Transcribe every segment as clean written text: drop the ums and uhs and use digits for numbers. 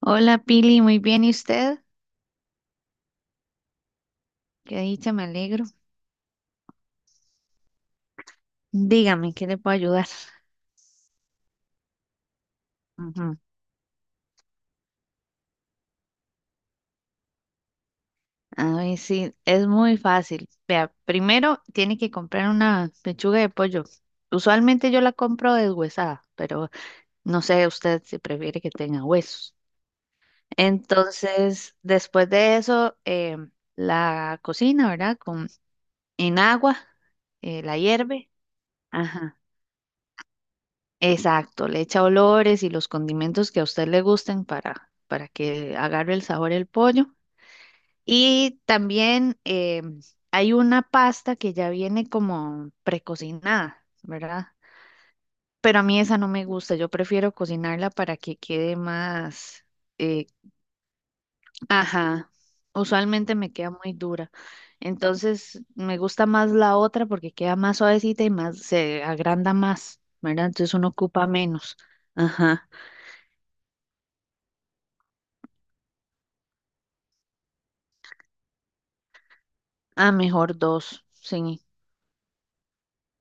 Hola Pili, muy bien. ¿Y usted? Qué dicha, me alegro. Dígame, ¿qué le puedo ayudar? Ujú. A ver, sí, es muy fácil. Vea, primero tiene que comprar una pechuga de pollo. Usualmente yo la compro deshuesada, pero no sé usted si prefiere que tenga huesos. Entonces, después de eso, la cocina, ¿verdad? En agua, la hierve. Ajá. Exacto, le echa olores y los condimentos que a usted le gusten para que agarre el sabor el pollo. Y también hay una pasta que ya viene como precocinada, ¿verdad? Pero a mí esa no me gusta, yo prefiero cocinarla para que quede más, eh, ajá, usualmente me queda muy dura. Entonces me gusta más la otra porque queda más suavecita y más, se agranda más, ¿verdad? Entonces uno ocupa menos. Ajá. Ah, mejor dos, sí,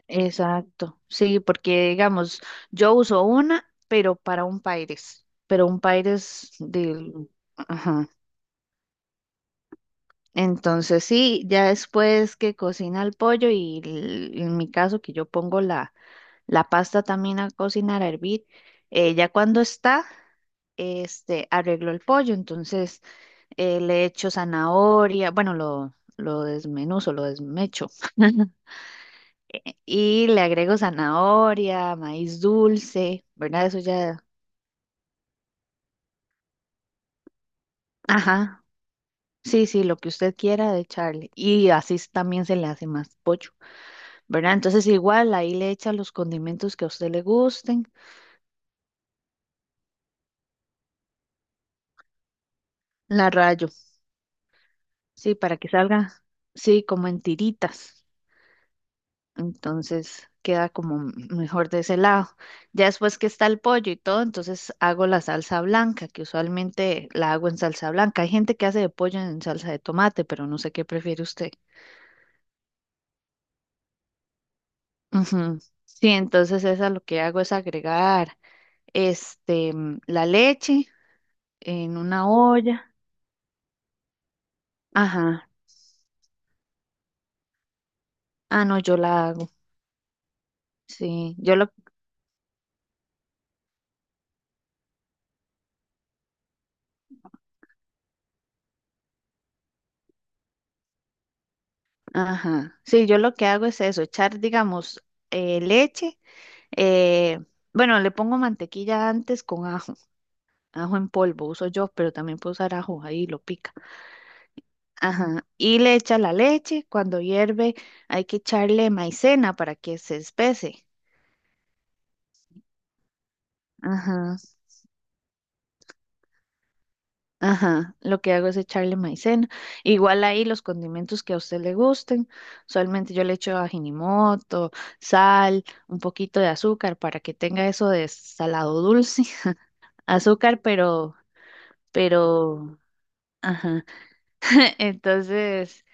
exacto. Sí, porque digamos, yo uso una, pero para un Paires, pero un Paires del... Ajá. Entonces sí, ya después que cocina el pollo y en mi caso que yo pongo la pasta también a cocinar, a hervir, ya cuando está, arreglo el pollo, entonces le echo zanahoria, bueno, lo desmenuzo, lo desmecho. Y le agrego zanahoria, maíz dulce, ¿verdad? Eso ya. Ajá. Sí, sí, lo que usted quiera de echarle. Y así también se le hace más pollo, ¿verdad? Entonces igual ahí le echa los condimentos que a usted le gusten. La rayo, sí, para que salga, sí, como en tiritas. Entonces queda como mejor de ese lado. Ya después que está el pollo y todo, entonces hago la salsa blanca, que usualmente la hago en salsa blanca. Hay gente que hace de pollo en salsa de tomate, pero no sé qué prefiere usted. Ujú. Sí, entonces esa lo que hago es agregar la leche en una olla. Ajá. Ah, no, yo la hago. Sí, yo lo, ajá. Sí, yo lo que hago es eso, echar, digamos, leche. eh, bueno, le pongo mantequilla antes con ajo, ajo en polvo uso yo, pero también puedo usar ajo ahí, lo pica. Ajá. Y le echa la leche. Cuando hierve, hay que echarle maicena para que se espese. Ajá. Ajá, lo que hago es echarle maicena. Igual ahí los condimentos que a usted le gusten. Usualmente yo le echo ajinimoto, sal, un poquito de azúcar para que tenga eso de salado dulce. Azúcar, pero, ajá. Entonces,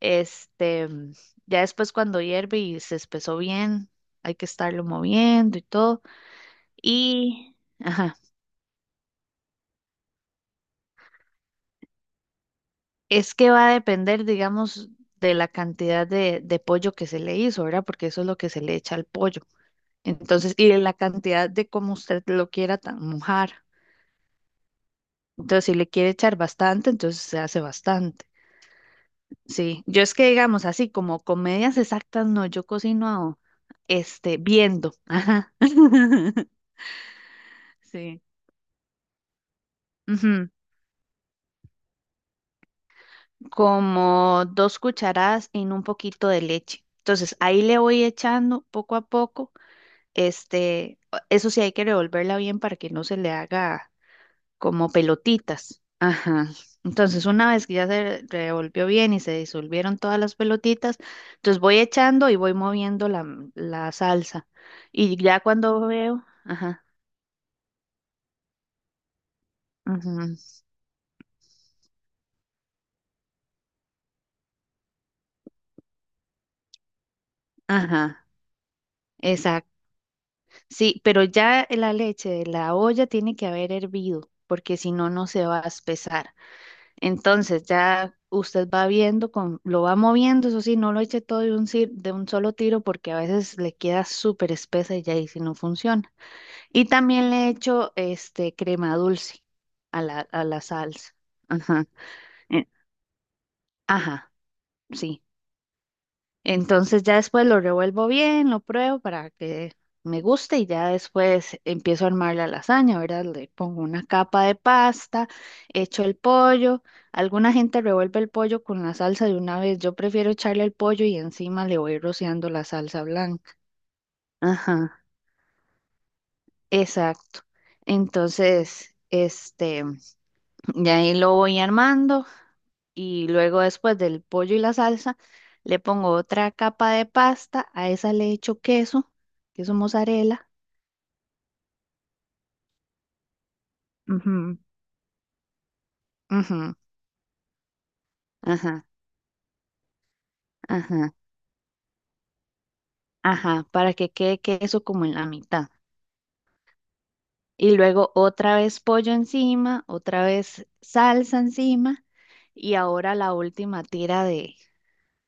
este, ya después cuando hierve y se espesó bien, hay que estarlo moviendo y todo. Y, ajá. Es que va a depender, digamos, de la cantidad de pollo que se le hizo, ¿verdad? Porque eso es lo que se le echa al pollo. Entonces, y de la cantidad de cómo usted lo quiera mojar. Entonces, si le quiere echar bastante, entonces se hace bastante. Sí, yo es que, digamos, así como comedias exactas, no, yo cocino, viendo. Ajá. Sí. Ujú. Como 2 cucharadas en un poquito de leche. Entonces, ahí le voy echando poco a poco. Este, eso sí hay que revolverla bien para que no se le haga como pelotitas. Ajá. Entonces, una vez que ya se revolvió bien y se disolvieron todas las pelotitas, entonces voy echando y voy moviendo la salsa. Y ya cuando veo, ajá, ujú, ajá, exacto. Sí, pero ya la leche de la olla tiene que haber hervido, porque si no, no se va a espesar. Entonces ya usted va viendo, con, lo va moviendo, eso sí, no lo eche todo de un, de un solo tiro porque a veces le queda súper espesa y ya ahí sí no funciona. Y también le echo este crema dulce a a la salsa. Ajá. eh, ajá, sí. Entonces ya después lo revuelvo bien, lo pruebo para que me guste y ya después empiezo a armar la lasaña, ¿verdad? Le pongo una capa de pasta, echo el pollo. Alguna gente revuelve el pollo con la salsa de una vez. Yo prefiero echarle el pollo y encima le voy rociando la salsa blanca. Ajá, exacto. Entonces, ya ahí lo voy armando. Y luego después del pollo y la salsa, le pongo otra capa de pasta, a esa le echo queso, queso mozzarella, ujú, ujú, ajá, ajá, ajá, para que quede queso como en la mitad. Y luego otra vez pollo encima, otra vez salsa encima y ahora la última tira de,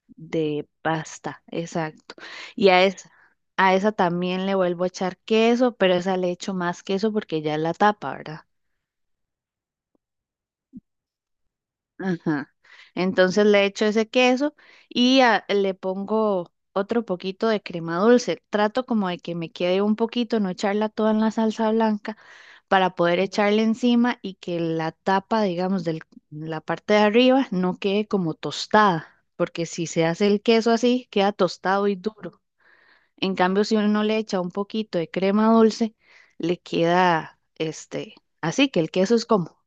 pasta, exacto. Y a esa, también le vuelvo a echar queso, pero esa le echo más queso porque ya es la tapa, ¿verdad? Ajá. Entonces le echo ese queso y le pongo otro poquito de crema dulce. Trato como de que me quede un poquito, no echarla toda en la salsa blanca para poder echarle encima y que la tapa, digamos, de la parte de arriba no quede como tostada, porque si se hace el queso así, queda tostado y duro. En cambio, si uno le echa un poquito de crema dulce, le queda así que el queso es como.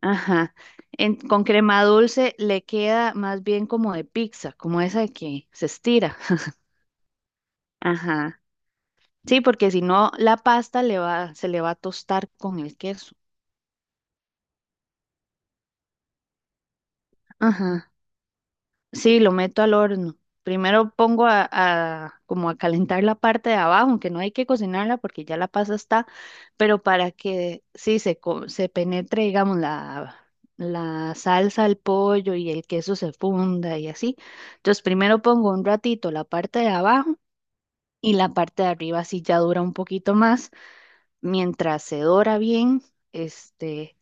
Ajá. Con crema dulce le queda más bien como de pizza, como esa de que se estira. Ajá. Sí, porque si no, la pasta le va, se le va a tostar con el queso. Ajá. Sí, lo meto al horno. Primero pongo a, como a calentar la parte de abajo, aunque no hay que cocinarla porque ya la pasa está, pero para que sí se, se penetre, digamos, la salsa al pollo y el queso se funda y así. Entonces, primero pongo un ratito la parte de abajo y la parte de arriba sí ya dura un poquito más, mientras se dora bien, este,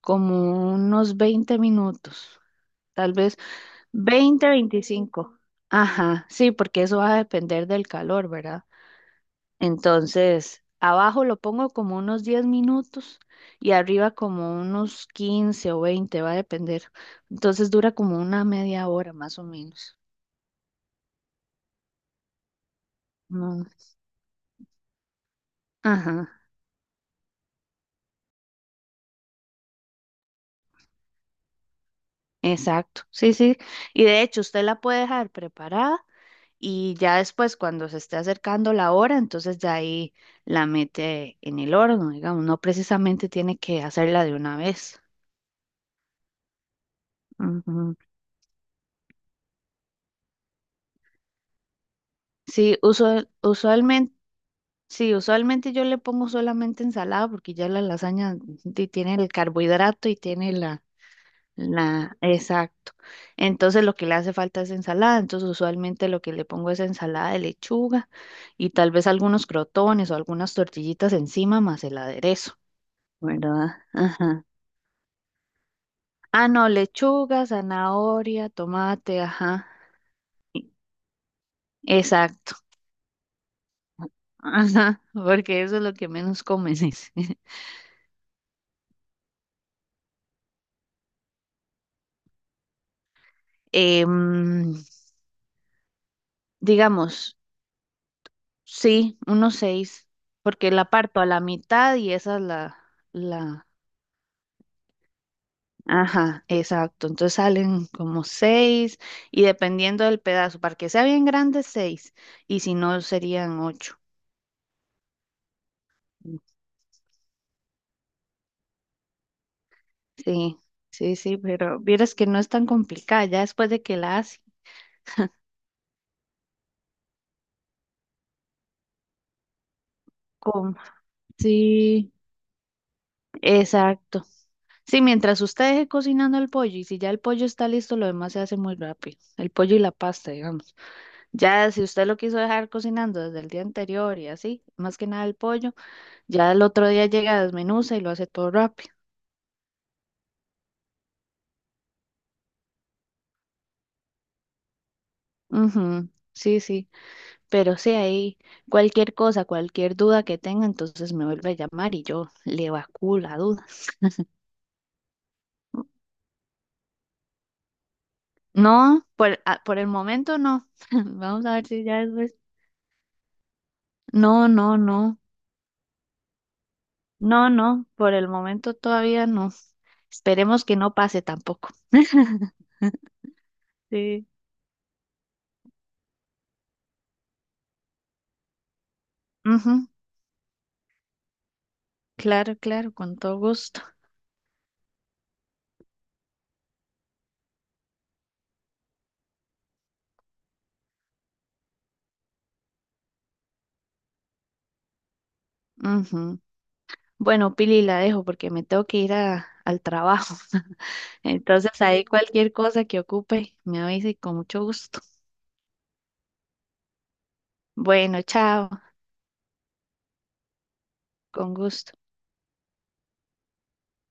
como unos 20 minutos. Tal vez 20, 25. Ajá, sí, porque eso va a depender del calor, ¿verdad? Entonces, abajo lo pongo como unos 10 minutos y arriba como unos 15 o 20, va a depender. Entonces dura como una media hora más o menos. No. Ajá, exacto. Sí, sí. Y de hecho, usted la puede dejar preparada y ya después, cuando se esté acercando la hora, entonces ya ahí la mete en el horno, digamos, no precisamente tiene que hacerla de una vez. Ujú. Sí, usualmente, sí, usualmente yo le pongo solamente ensalada porque ya la lasaña tiene el carbohidrato y tiene la, exacto. Entonces lo que le hace falta es ensalada, entonces usualmente lo que le pongo es ensalada de lechuga y tal vez algunos crotones o algunas tortillitas encima más el aderezo, ¿verdad? Ajá. Ah, no, lechuga, zanahoria, tomate, ajá. Exacto. Ajá, porque eso es lo que menos comes. Eh, mm, digamos, sí, unos seis, porque la parto a la mitad y esa es la, ajá, exacto. Entonces salen como seis y dependiendo del pedazo, para que sea bien grande, seis, y si no, serían ocho. Sí, sí, sí, pero vieras que no es tan complicada ya después de que la hace. Con... Sí, exacto. Sí, mientras usted deje cocinando el pollo y si ya el pollo está listo, lo demás se hace muy rápido. El pollo y la pasta, digamos. Ya si usted lo quiso dejar cocinando desde el día anterior y así, más que nada el pollo, ya el otro día llega, desmenuza y lo hace todo rápido. Ujú, sí, sí, pero sí, ahí cualquier cosa, cualquier duda que tenga, entonces me vuelve a llamar y yo le evacúo la duda. No, por, por el momento no. Vamos a ver si ya después. No, no, no. No, no, por el momento todavía no. Esperemos que no pase tampoco. Sí. Ujú, claro, claro, con todo gusto. Ujú. Bueno, Pili, la dejo porque me tengo que ir al trabajo. Entonces, ahí cualquier cosa que ocupe, me avise con mucho gusto. Bueno, chao, con gusto.